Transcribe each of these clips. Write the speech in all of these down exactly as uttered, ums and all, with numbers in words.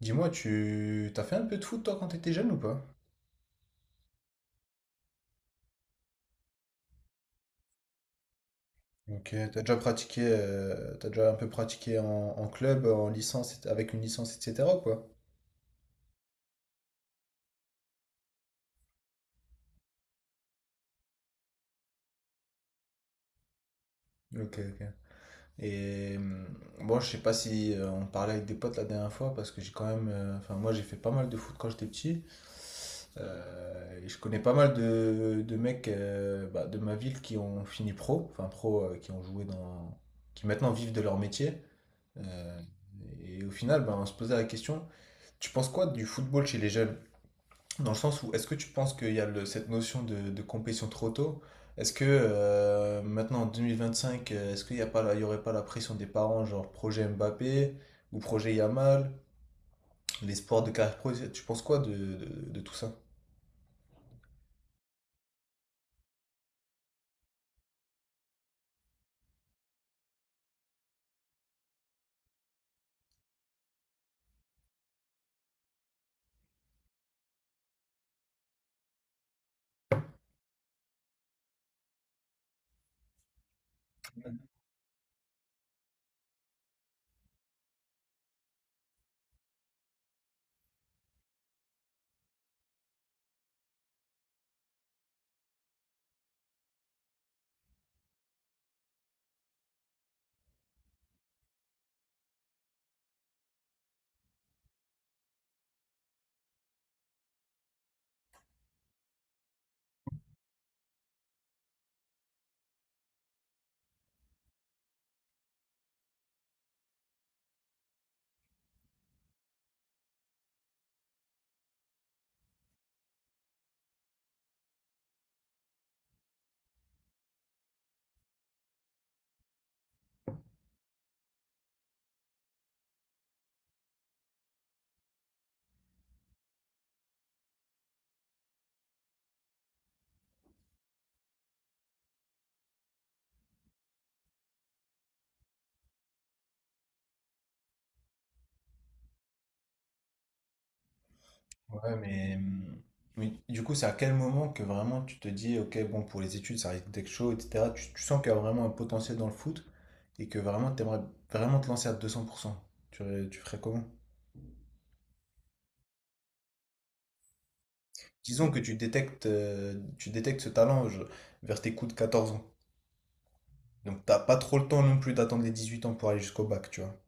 Dis-moi, tu t'as fait un peu de foot toi quand t'étais jeune ou pas? Ok, t'as déjà pratiqué, euh, t'as déjà un peu pratiqué en, en club, en licence, et- avec une licence, et cetera quoi. Ok, ok. Et hum, moi, je sais pas si euh, on parlait avec des potes la dernière fois parce que j'ai quand même, euh, enfin moi j'ai fait pas mal de foot quand j'étais petit. Euh, et je connais pas mal de, de mecs euh, bah, de ma ville qui ont fini pro, enfin pro, euh, qui ont joué dans, qui maintenant vivent de leur métier. Euh, et au final, ben, on se posait la question. Tu penses quoi du football chez les jeunes? Dans le sens où est-ce que tu penses qu'il y a le- cette notion de, de compétition trop tôt? Est-ce que euh, maintenant en deux mille vingt-cinq, euh, est-ce qu'il n'y a pas, la- il y aurait pas la pression des parents, genre projet Mbappé ou projet Yamal, l'espoir de carrière pro? Tu penses quoi de, de- de tout ça? Ouais, mais, hum, mais du coup, c'est à quel moment que vraiment tu te dis, ok, bon, pour les études, ça risque d'être chaud, et cetera. Tu, tu sens qu'il y a vraiment un potentiel dans le foot et que vraiment, tu aimerais vraiment te lancer à deux cents pour cent. Tu, tu ferais comment? Disons que tu détectes, euh, tu détectes ce talent je- vers tes coups de quatorze ans. Donc t'as pas trop le temps non plus d'attendre les dix-huit ans pour aller jusqu'au bac, tu vois.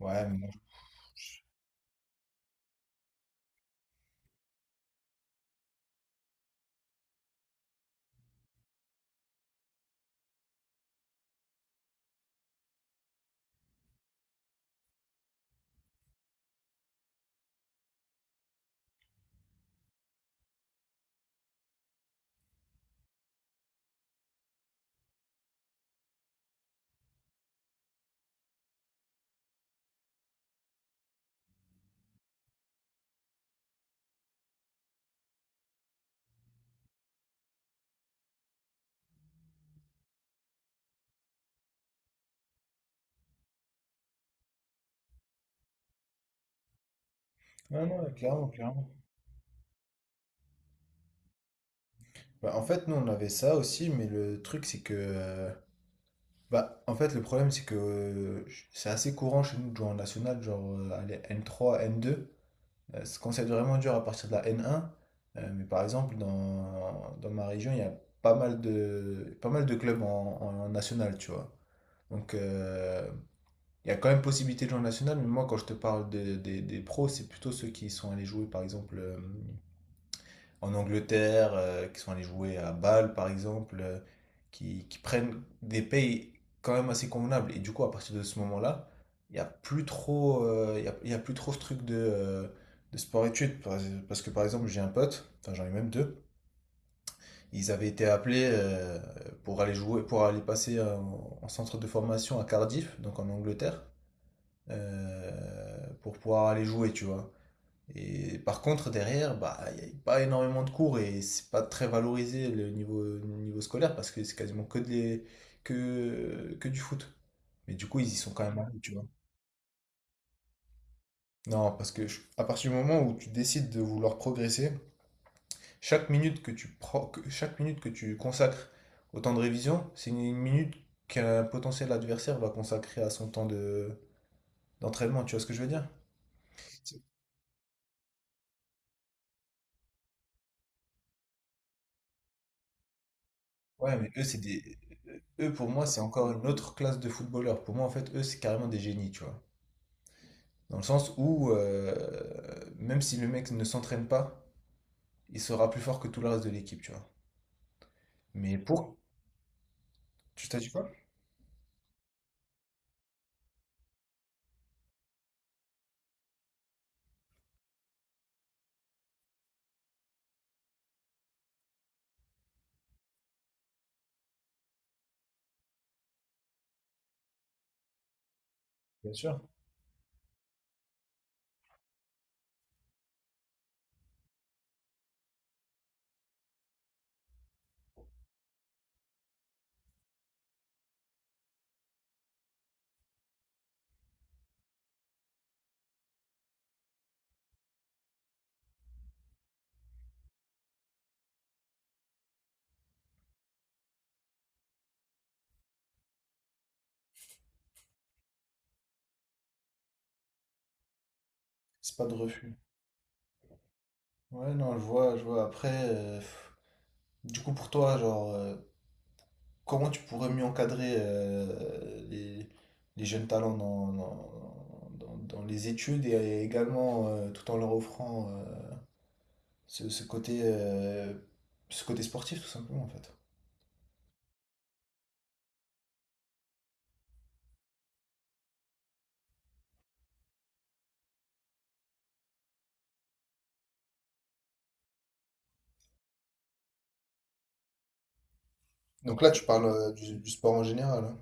Ouais, mais bon. Ouais, non, ouais, clairement, clairement. Bah, en fait, nous, on avait ça aussi, mais le truc, c'est que... euh, bah, en fait, le problème, c'est que euh, je- c'est assez courant chez nous de jouer en national, genre euh, allez, n trois n deux. Euh, c'est- quand c'est vraiment dur à partir de la n un. Euh, mais par exemple, dans, dans ma région, il y a pas mal de, pas mal de clubs en, en en national, tu vois. Donc, euh, il y a quand même possibilité de jouer en national, mais moi, quand je te parle de- des- des pros, c'est plutôt ceux qui sont allés jouer, par exemple, euh, en Angleterre, euh, qui sont allés jouer à Bâle, par exemple, euh, qui, qui prennent des payes quand même assez convenables. Et du coup, à partir de ce moment-là, il n'y a plus trop, euh, il y a, il y a plus trop ce truc de, euh, de sport-études. Parce parce que, par exemple, j'ai un pote, enfin, j'en ai même deux, ils avaient été appelés euh, pour aller jouer, pour aller passer en en centre de formation à Cardiff, donc en Angleterre, euh, pour pouvoir aller jouer, tu vois. Et par contre, derrière, bah, il n'y a pas énormément de cours et c'est pas très valorisé le niveau, le niveau scolaire parce que c'est quasiment que, des que, que du foot. Mais du coup, ils y sont quand même allés, tu vois. Non, parce que je- à partir du moment où tu décides de vouloir progresser, chaque minute que tu pro- que- chaque minute que tu consacres au temps de révision, c'est une, une minute qu'un potentiel adversaire va consacrer à son temps de, d'entraînement, tu vois ce que je veux dire? Ouais, mais eux, c'est des. Eux, pour moi, c'est encore une autre classe de footballeurs. Pour moi, en fait, eux, c'est carrément des génies, tu vois. Dans le sens où, euh, même si le mec ne s'entraîne pas, il sera plus fort que tout le reste de l'équipe, tu vois. Mais pour. Tu t'as dit quoi? Bien sûr. C'est pas de refus. Ouais, non, je vois, je vois. Après, euh, pff, du coup, pour toi, genre, euh, comment tu pourrais mieux encadrer euh, les, les jeunes talents dans, dans, dans- dans les études et également euh, tout en leur offrant. euh, ce, ce côté, euh, ce côté sportif, tout simplement, en fait. Donc là, tu parles euh, du, du sport en général. Hein.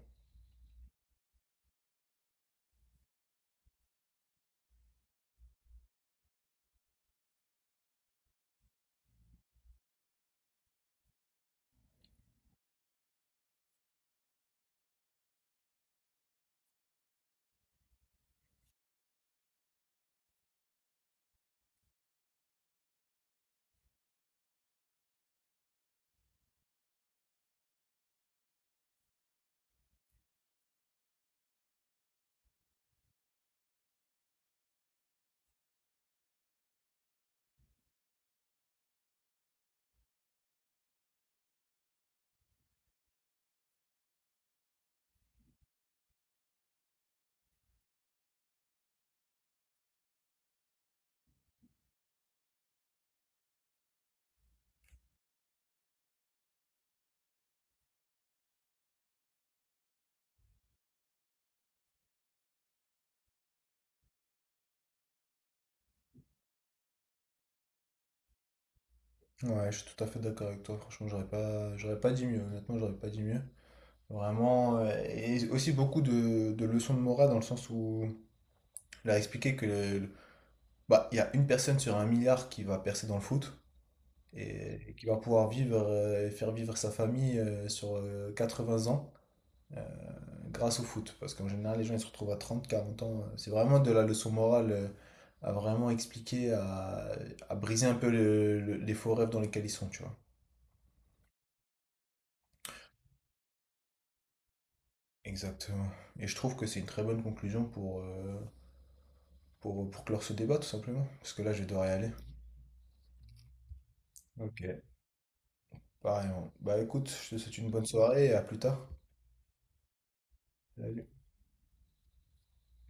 Ouais, je suis tout à fait d'accord avec toi. Franchement, j'aurais pas, j'aurais pas dit mieux. Honnêtement, j'aurais pas dit mieux. Vraiment, euh, et aussi beaucoup de, de leçons de morale dans le sens où il a expliqué que le- le- bah, il y a une personne sur un milliard qui va percer dans le foot et, et qui va pouvoir vivre euh, et faire vivre sa famille euh, sur euh, vingts ans. euh, grâce au foot. Parce qu'en général, les gens ils se retrouvent à trente quarante ans. euh, C'est vraiment de la leçon morale euh, à vraiment expliquer, à, à briser un peu le- le- les faux rêves dans lesquels ils sont, tu vois. Exactement. Et je trouve que c'est une très bonne conclusion pour, euh, pour, pour clore ce débat, tout simplement. Parce que là, je vais devoir y aller. Ok. Pareil. Bah écoute, je te souhaite une bonne soirée et à plus tard. Salut.